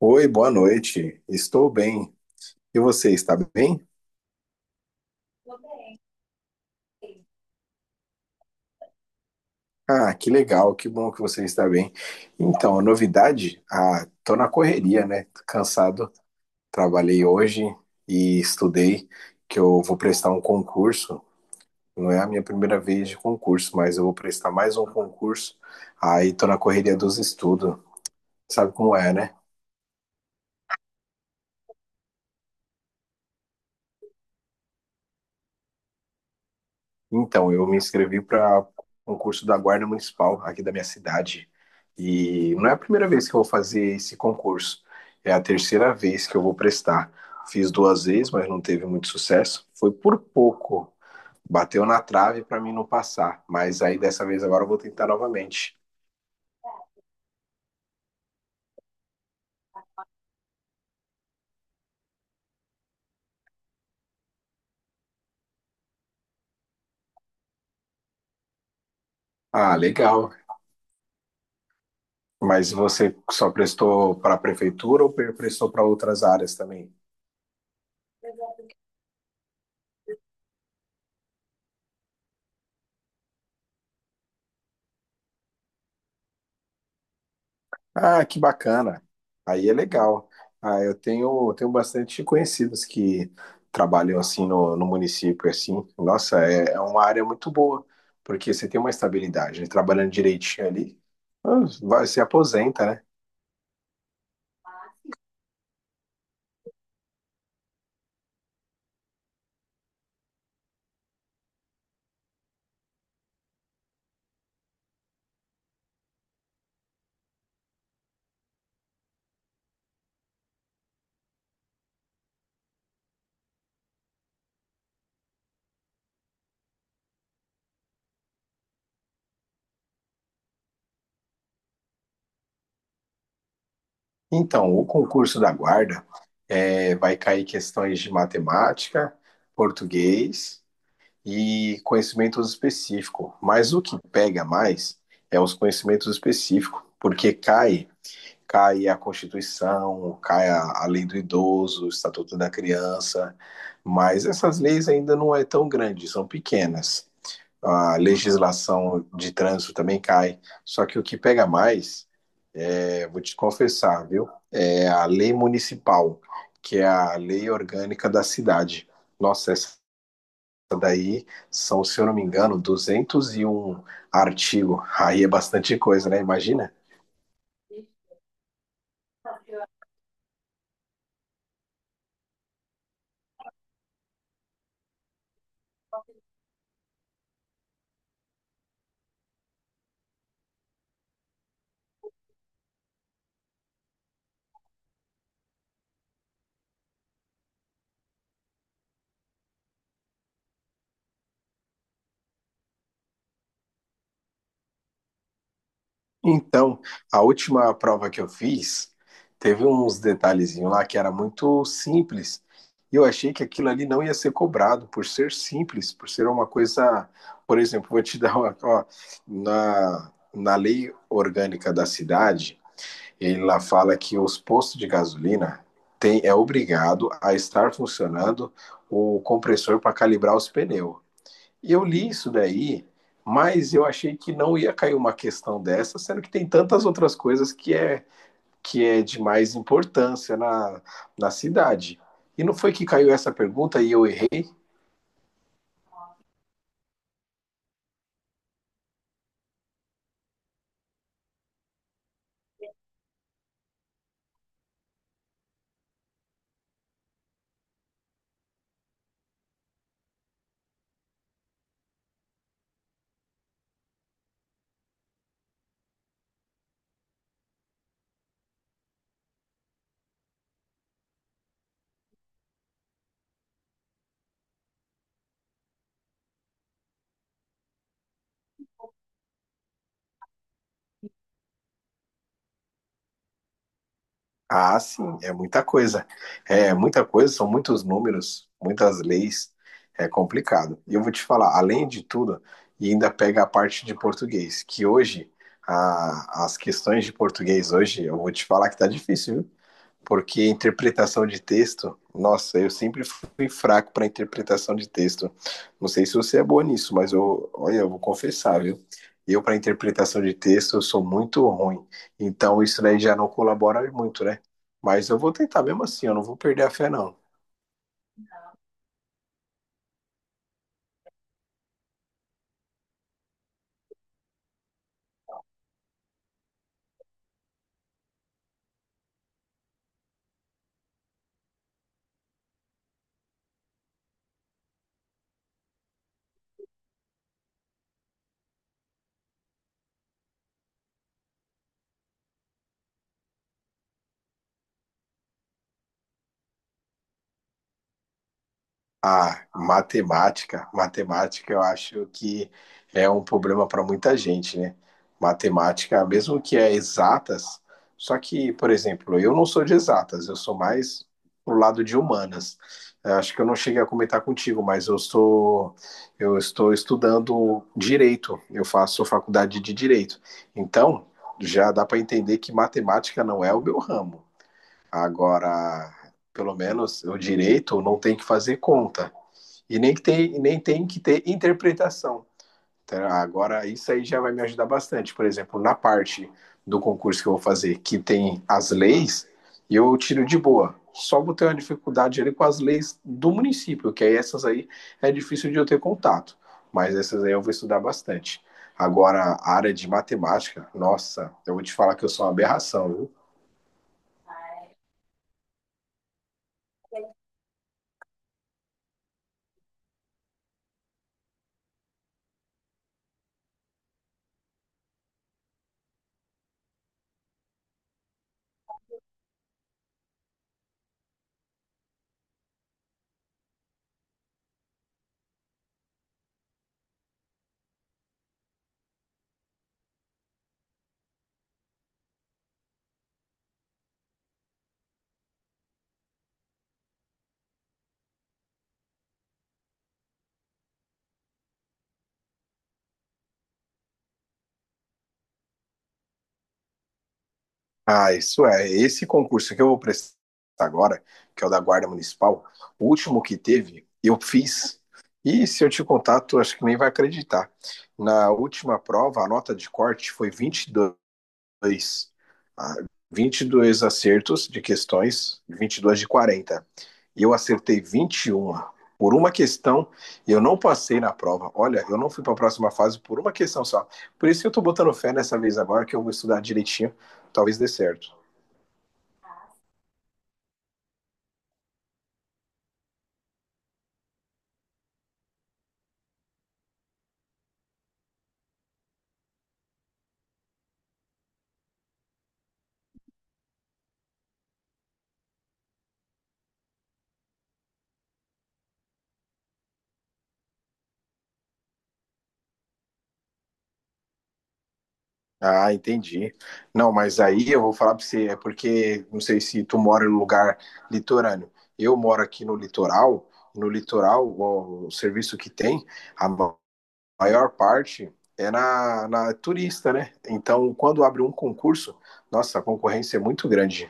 Oi, boa noite. Estou bem. E você está bem? Ah, que legal, que bom que você está bem. Então, a novidade, tô na correria, né? Tô cansado. Trabalhei hoje e estudei que eu vou prestar um concurso. Não é a minha primeira vez de concurso, mas eu vou prestar mais um concurso. Aí tô na correria dos estudos. Sabe como é, né? Então, eu me inscrevi para um curso da Guarda Municipal aqui da minha cidade. E não é a primeira vez que eu vou fazer esse concurso. É a terceira vez que eu vou prestar. Fiz duas vezes, mas não teve muito sucesso. Foi por pouco. Bateu na trave para mim não passar. Mas aí dessa vez agora eu vou tentar novamente. Ah, legal. Mas você só prestou para a prefeitura ou prestou para outras áreas também? Ah, que bacana. Aí é legal. Ah, eu tenho bastante conhecidos que trabalham assim no município, assim. Nossa, é uma área muito boa, porque você tem uma estabilidade, né? Trabalhando direitinho ali, ah, vai, se aposenta, né? Então, o concurso da guarda é, vai cair questões de matemática, português e conhecimentos específicos. Mas o que pega mais é os conhecimentos específicos, porque cai a Constituição, cai a lei do idoso, o Estatuto da Criança, mas essas leis ainda não é tão grande, são pequenas. A legislação de trânsito também cai, só que o que pega mais, é, vou te confessar, viu, é a lei municipal, que é a lei orgânica da cidade. Nossa, essa aí são, se eu não me engano, 201 artigos. Aí é bastante coisa, né? Imagina. Então, a última prova que eu fiz teve uns detalhezinhos lá que era muito simples. E eu achei que aquilo ali não ia ser cobrado por ser simples, por ser uma coisa. Por exemplo, vou te dar uma. Ó, na lei orgânica da cidade, ele lá fala que os postos de gasolina tem, é obrigado a estar funcionando o compressor para calibrar os pneus. E eu li isso daí, mas eu achei que não ia cair uma questão dessa, sendo que tem tantas outras coisas que é de mais importância na cidade. E não foi que caiu essa pergunta e eu errei? Ah, sim, é muita coisa. É muita coisa, são muitos números, muitas leis, é complicado. E eu vou te falar, além de tudo, e ainda pega a parte de português, que hoje as questões de português hoje, eu vou te falar que tá difícil, viu? Porque interpretação de texto, nossa, eu sempre fui fraco para interpretação de texto. Não sei se você é boa nisso, mas eu, olha, eu vou confessar, viu? Eu para interpretação de texto eu sou muito ruim. Então isso daí já não colabora muito, né? Mas eu vou tentar mesmo assim, eu não vou perder a fé não. Ah, matemática eu acho que é um problema para muita gente, né? Matemática, mesmo que é exatas, só que, por exemplo, eu não sou de exatas, eu sou mais pro lado de humanas. Eu acho que eu não cheguei a comentar contigo, eu estou estudando direito, eu faço faculdade de direito. Então, já dá para entender que matemática não é o meu ramo. Agora, pelo menos o direito não tem que fazer conta. E nem tem que ter interpretação. Tá? Agora, isso aí já vai me ajudar bastante. Por exemplo, na parte do concurso que eu vou fazer, que tem as leis, eu tiro de boa. Só vou ter uma dificuldade ali com as leis do município, que aí essas aí é difícil de eu ter contato. Mas essas aí eu vou estudar bastante. Agora, a área de matemática, nossa, eu vou te falar que eu sou uma aberração, viu? Ah, isso é. Esse concurso que eu vou prestar agora, que é o da Guarda Municipal, o último que teve, eu fiz. E se eu te contar, tu acho que nem vai acreditar. Na última prova, a nota de corte foi 22. Ah, 22 acertos de questões, 22 de 40. E eu acertei 21. Por uma questão, eu não passei na prova. Olha, eu não fui para a próxima fase por uma questão só. Por isso que eu estou botando fé nessa vez agora, que eu vou estudar direitinho. Talvez dê certo. Ah, entendi. Não, mas aí eu vou falar para você, é porque não sei se tu mora em um lugar litorâneo. Eu moro aqui no litoral, e no litoral, o serviço que tem, a ma- maior parte é na turista, né? Então, quando abre um concurso, nossa, a concorrência é muito grande.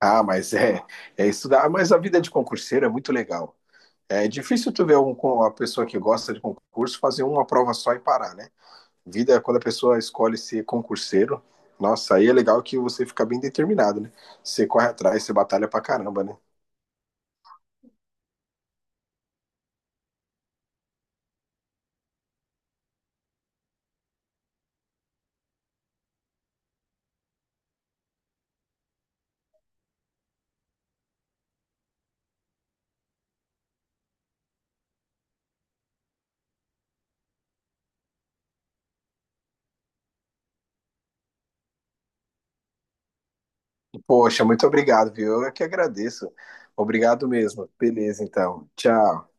Ah, mas é, é estudar, mas a vida de concurseiro é muito legal. É difícil tu ver uma pessoa que gosta de concurso fazer uma prova só e parar, né? Vida é quando a pessoa escolhe ser concurseiro. Nossa, aí é legal que você fica bem determinado, né? Você corre atrás, você batalha pra caramba, né? Poxa, muito obrigado, viu? Eu é que agradeço. Obrigado mesmo. Beleza, então. Tchau.